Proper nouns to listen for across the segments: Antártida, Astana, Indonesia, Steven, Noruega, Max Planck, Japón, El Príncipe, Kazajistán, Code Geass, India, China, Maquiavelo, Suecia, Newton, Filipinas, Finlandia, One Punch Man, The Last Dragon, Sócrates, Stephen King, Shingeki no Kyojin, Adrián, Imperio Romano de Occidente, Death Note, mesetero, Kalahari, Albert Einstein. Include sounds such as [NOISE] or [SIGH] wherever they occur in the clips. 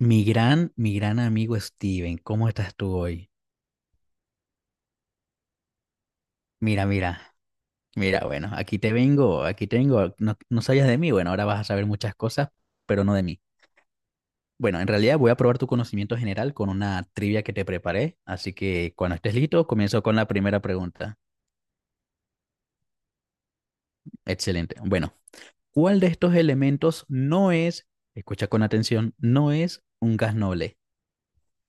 Mi gran amigo Steven, ¿cómo estás tú hoy? Mira, mira, bueno, aquí te vengo. No sabías de mí, bueno, ahora vas a saber muchas cosas, pero no de mí. Bueno, en realidad voy a probar tu conocimiento general con una trivia que te preparé, así que cuando estés listo, comienzo con la primera pregunta. Excelente. Bueno, ¿cuál de estos elementos no es, escucha con atención, no es un gas noble?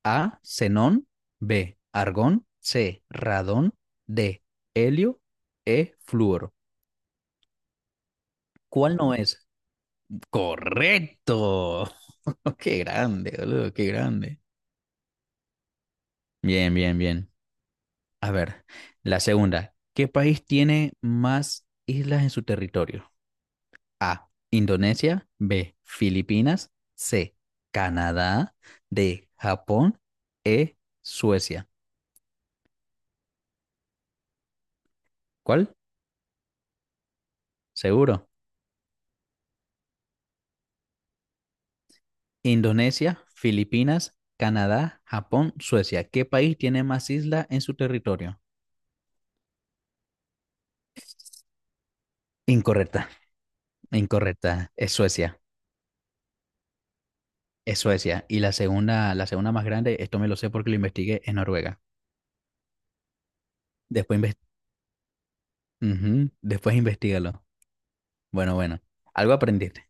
A, xenón, B, argón, C, radón, D, helio, E, flúor. ¿Cuál no es? Correcto. [LAUGHS] Qué grande, boludo, qué grande. Bien, bien, bien. A ver, la segunda. ¿Qué país tiene más islas en su territorio? A, Indonesia, B, Filipinas, C, Canadá, D, Japón, E, Suecia. ¿Cuál? Seguro. Indonesia, Filipinas, Canadá, Japón, Suecia. ¿Qué país tiene más islas en su territorio? Incorrecta, incorrecta. Es Suecia, es Suecia. Y la segunda más grande, esto me lo sé porque lo investigué, es Noruega. Después, inves- Ujú, después investigalo. Bueno, bueno. Algo aprendiste.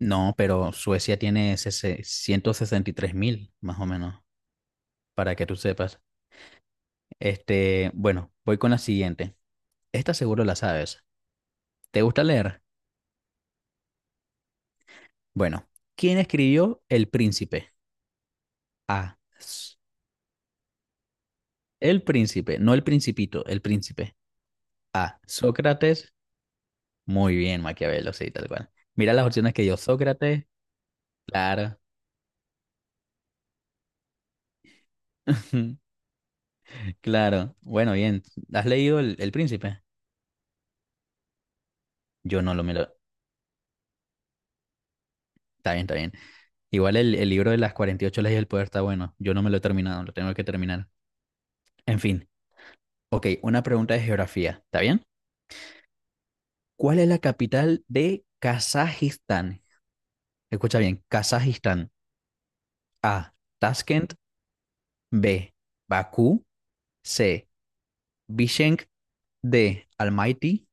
No, pero Suecia tiene 163.000, más o menos, para que tú sepas. Este, bueno, voy con la siguiente. Esta seguro la sabes. ¿Te gusta leer? Bueno, ¿quién escribió El Príncipe? A. S- El Príncipe, no el Principito, el Príncipe. A. Sócrates. Muy bien, Maquiavelo, sí, tal cual. Mira las opciones que dio Sócrates. Claro. [LAUGHS] Claro. Bueno, bien. ¿Has leído El Príncipe? Yo no lo me lo. Está bien, está bien. Igual el libro de las 48 leyes del poder está bueno. Yo no me lo he terminado, lo tengo que terminar. En fin. Ok, una pregunta de geografía. ¿Está bien? ¿Cuál es la capital de Kazajistán? Escucha bien, Kazajistán. A. Tashkent. B. Bakú. C. Bishkek. D. Almaty.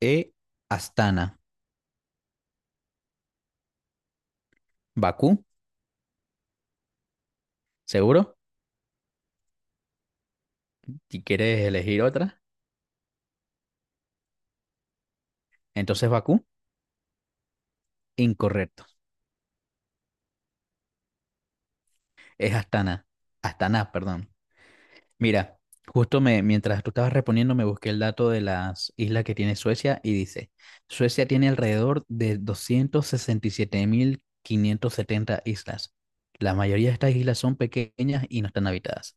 E. Astana. Bakú, ¿seguro? Si quieres elegir otra, entonces Bakú, incorrecto. Es Astana. Astana, perdón. Mira, justo me, mientras tú estabas respondiendo, me busqué el dato de las islas que tiene Suecia y dice, Suecia tiene alrededor de 267.570 islas. La mayoría de estas islas son pequeñas y no están habitadas.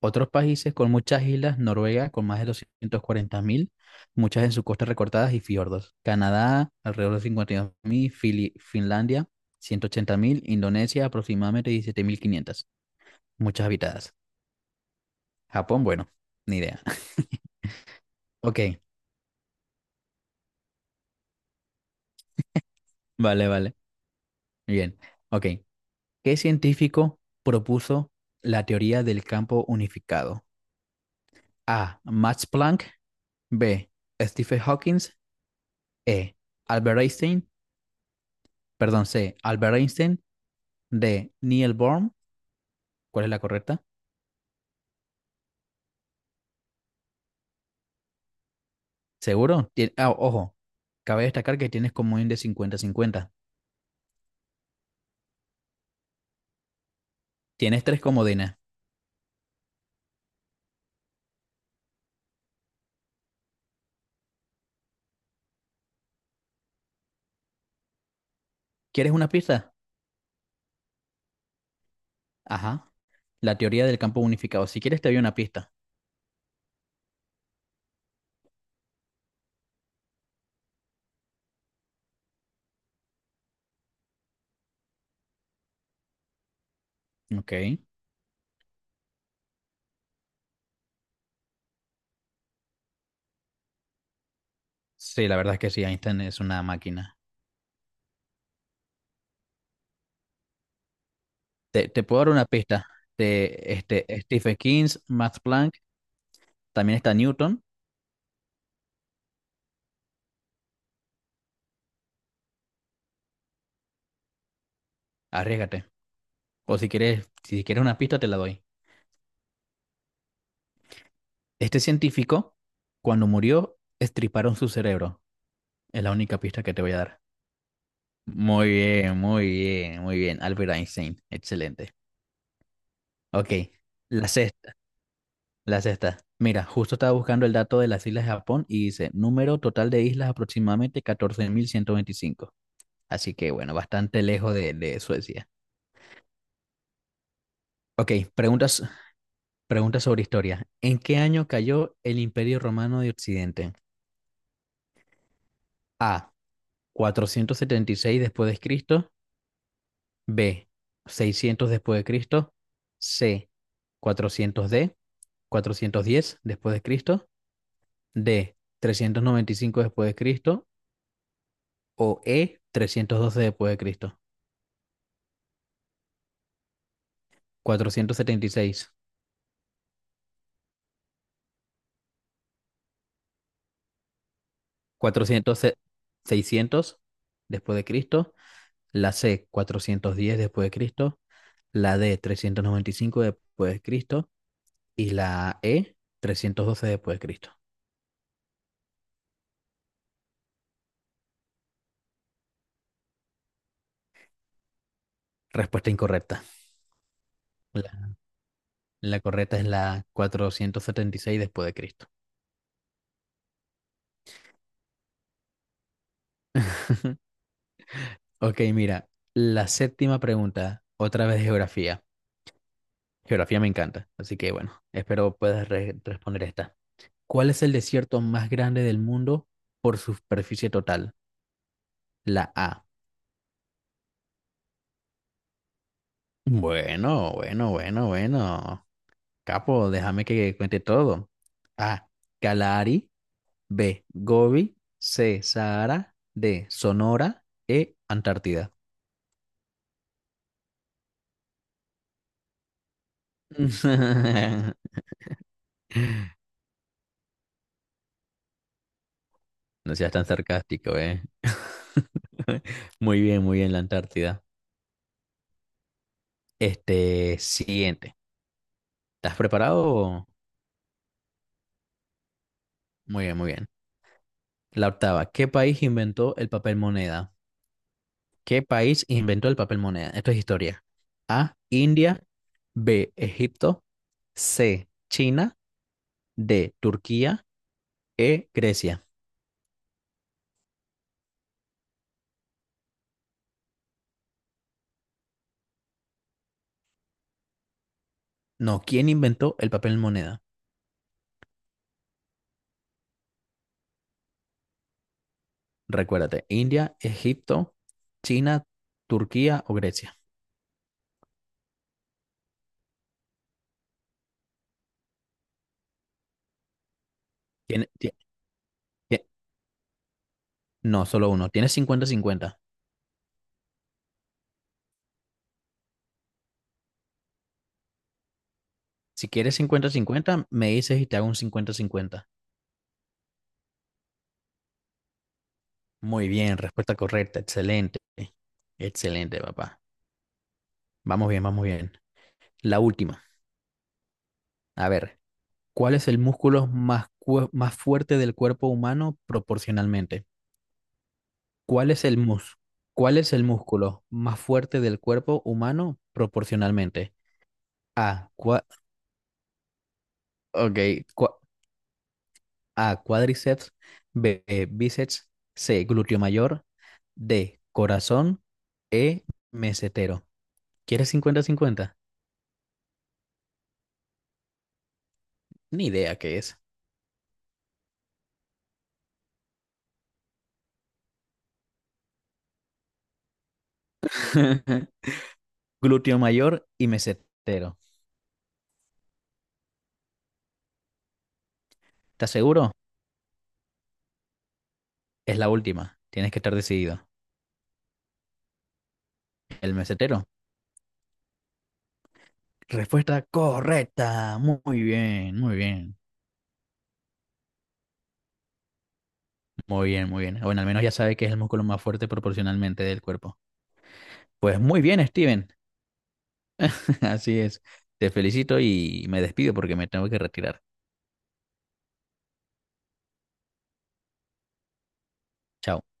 Otros países con muchas islas, Noruega con más de 240.000, muchas en sus costas recortadas y fiordos. Canadá, alrededor de 52.000, Finlandia, 180.000; Indonesia, aproximadamente 17.500, muchas habitadas. Japón, bueno, ni idea. [LAUGHS] Ok, vale, vale, bien. Ok, ¿qué científico propuso la teoría del campo unificado? A. Max Planck, B. Stephen Hawking, E. Albert Einstein, perdón, C. Albert Einstein. De Neil Bohr. ¿Cuál es la correcta? ¿Seguro? Ah, ojo, cabe destacar que tienes comodín de cincuenta-cincuenta. Tienes tres comodines. ¿Quieres una pista? Ajá. La teoría del campo unificado. Si quieres, te doy una pista. Ok. Sí, la verdad es que sí, Einstein es una máquina. Te puedo dar una pista. De este, Stephen King, Max Planck, también está Newton. Arriesgate. O si quieres, si quieres una pista, te la doy. Este científico, cuando murió, estriparon su cerebro. Es la única pista que te voy a dar. Muy bien, muy bien, muy bien. Albert Einstein, excelente. Ok, la sexta, la sexta. Mira, justo estaba buscando el dato de las islas de Japón y dice número total de islas aproximadamente 14.125. Así que bueno, bastante lejos de Suecia. Ok, preguntas, preguntas sobre historia. ¿En qué año cayó el Imperio Romano de Occidente? A. 476 después de Cristo. B. 600 después de Cristo. C. 400. D. 410 después de Cristo, D, 395 después de Cristo o E, 312 después de Cristo. 476, 400, 600 después de Cristo, la C, 410 después de Cristo, la D, 395 después de Cristo y la E, 312 después de Cristo. Respuesta incorrecta. La, la correcta es la 476 después de Cristo. [LAUGHS] Ok, mira, la séptima pregunta, otra vez de geografía. Geografía me encanta, así que bueno, espero puedas responder esta. ¿Cuál es el desierto más grande del mundo por superficie total? La A. Bueno, bueno, bueno, bueno. Capo, déjame que cuente todo. A. Kalahari. B. Gobi. C. Sahara. D. Sonora. E. Antártida. [LAUGHS] No seas tan sarcástico, ¿eh? [LAUGHS] Muy bien, la Antártida. Este, siguiente. ¿Estás preparado? Muy bien, muy bien. La octava. ¿Qué país inventó el papel moneda? ¿Qué país inventó el papel moneda? Esto es historia. A, India. B, Egipto. C, China. D, Turquía. E, Grecia. No, ¿quién inventó el papel moneda? Recuérdate, India, Egipto, China, Turquía o Grecia. Tiene- ti- ti- no, solo uno. Tienes cincuenta-cincuenta. Si quieres cincuenta-cincuenta, me dices y te hago un cincuenta-cincuenta. Muy bien, respuesta correcta. Excelente. Excelente, papá. Vamos bien, vamos bien. La última. A ver, ¿cuál es el músculo más, más fuerte del cuerpo humano proporcionalmente? ¿Cuál es el mus? ¿Cuál es el músculo más fuerte del cuerpo humano proporcionalmente? A, cua- ok, cua- A, cuádriceps, B, bíceps, C, glúteo mayor, D, corazón, E, mesetero. ¿Quieres cincuenta cincuenta? Ni idea qué es. [LAUGHS] Glúteo mayor y mesetero. ¿Estás seguro? Es la última. Tienes que estar decidido. El mesetero. Respuesta correcta. Muy bien, muy bien. Muy bien, muy bien. Bueno, al menos ya sabe que es el músculo más fuerte proporcionalmente del cuerpo. Pues muy bien, Steven. [LAUGHS] Así es. Te felicito y me despido porque me tengo que retirar. Chao.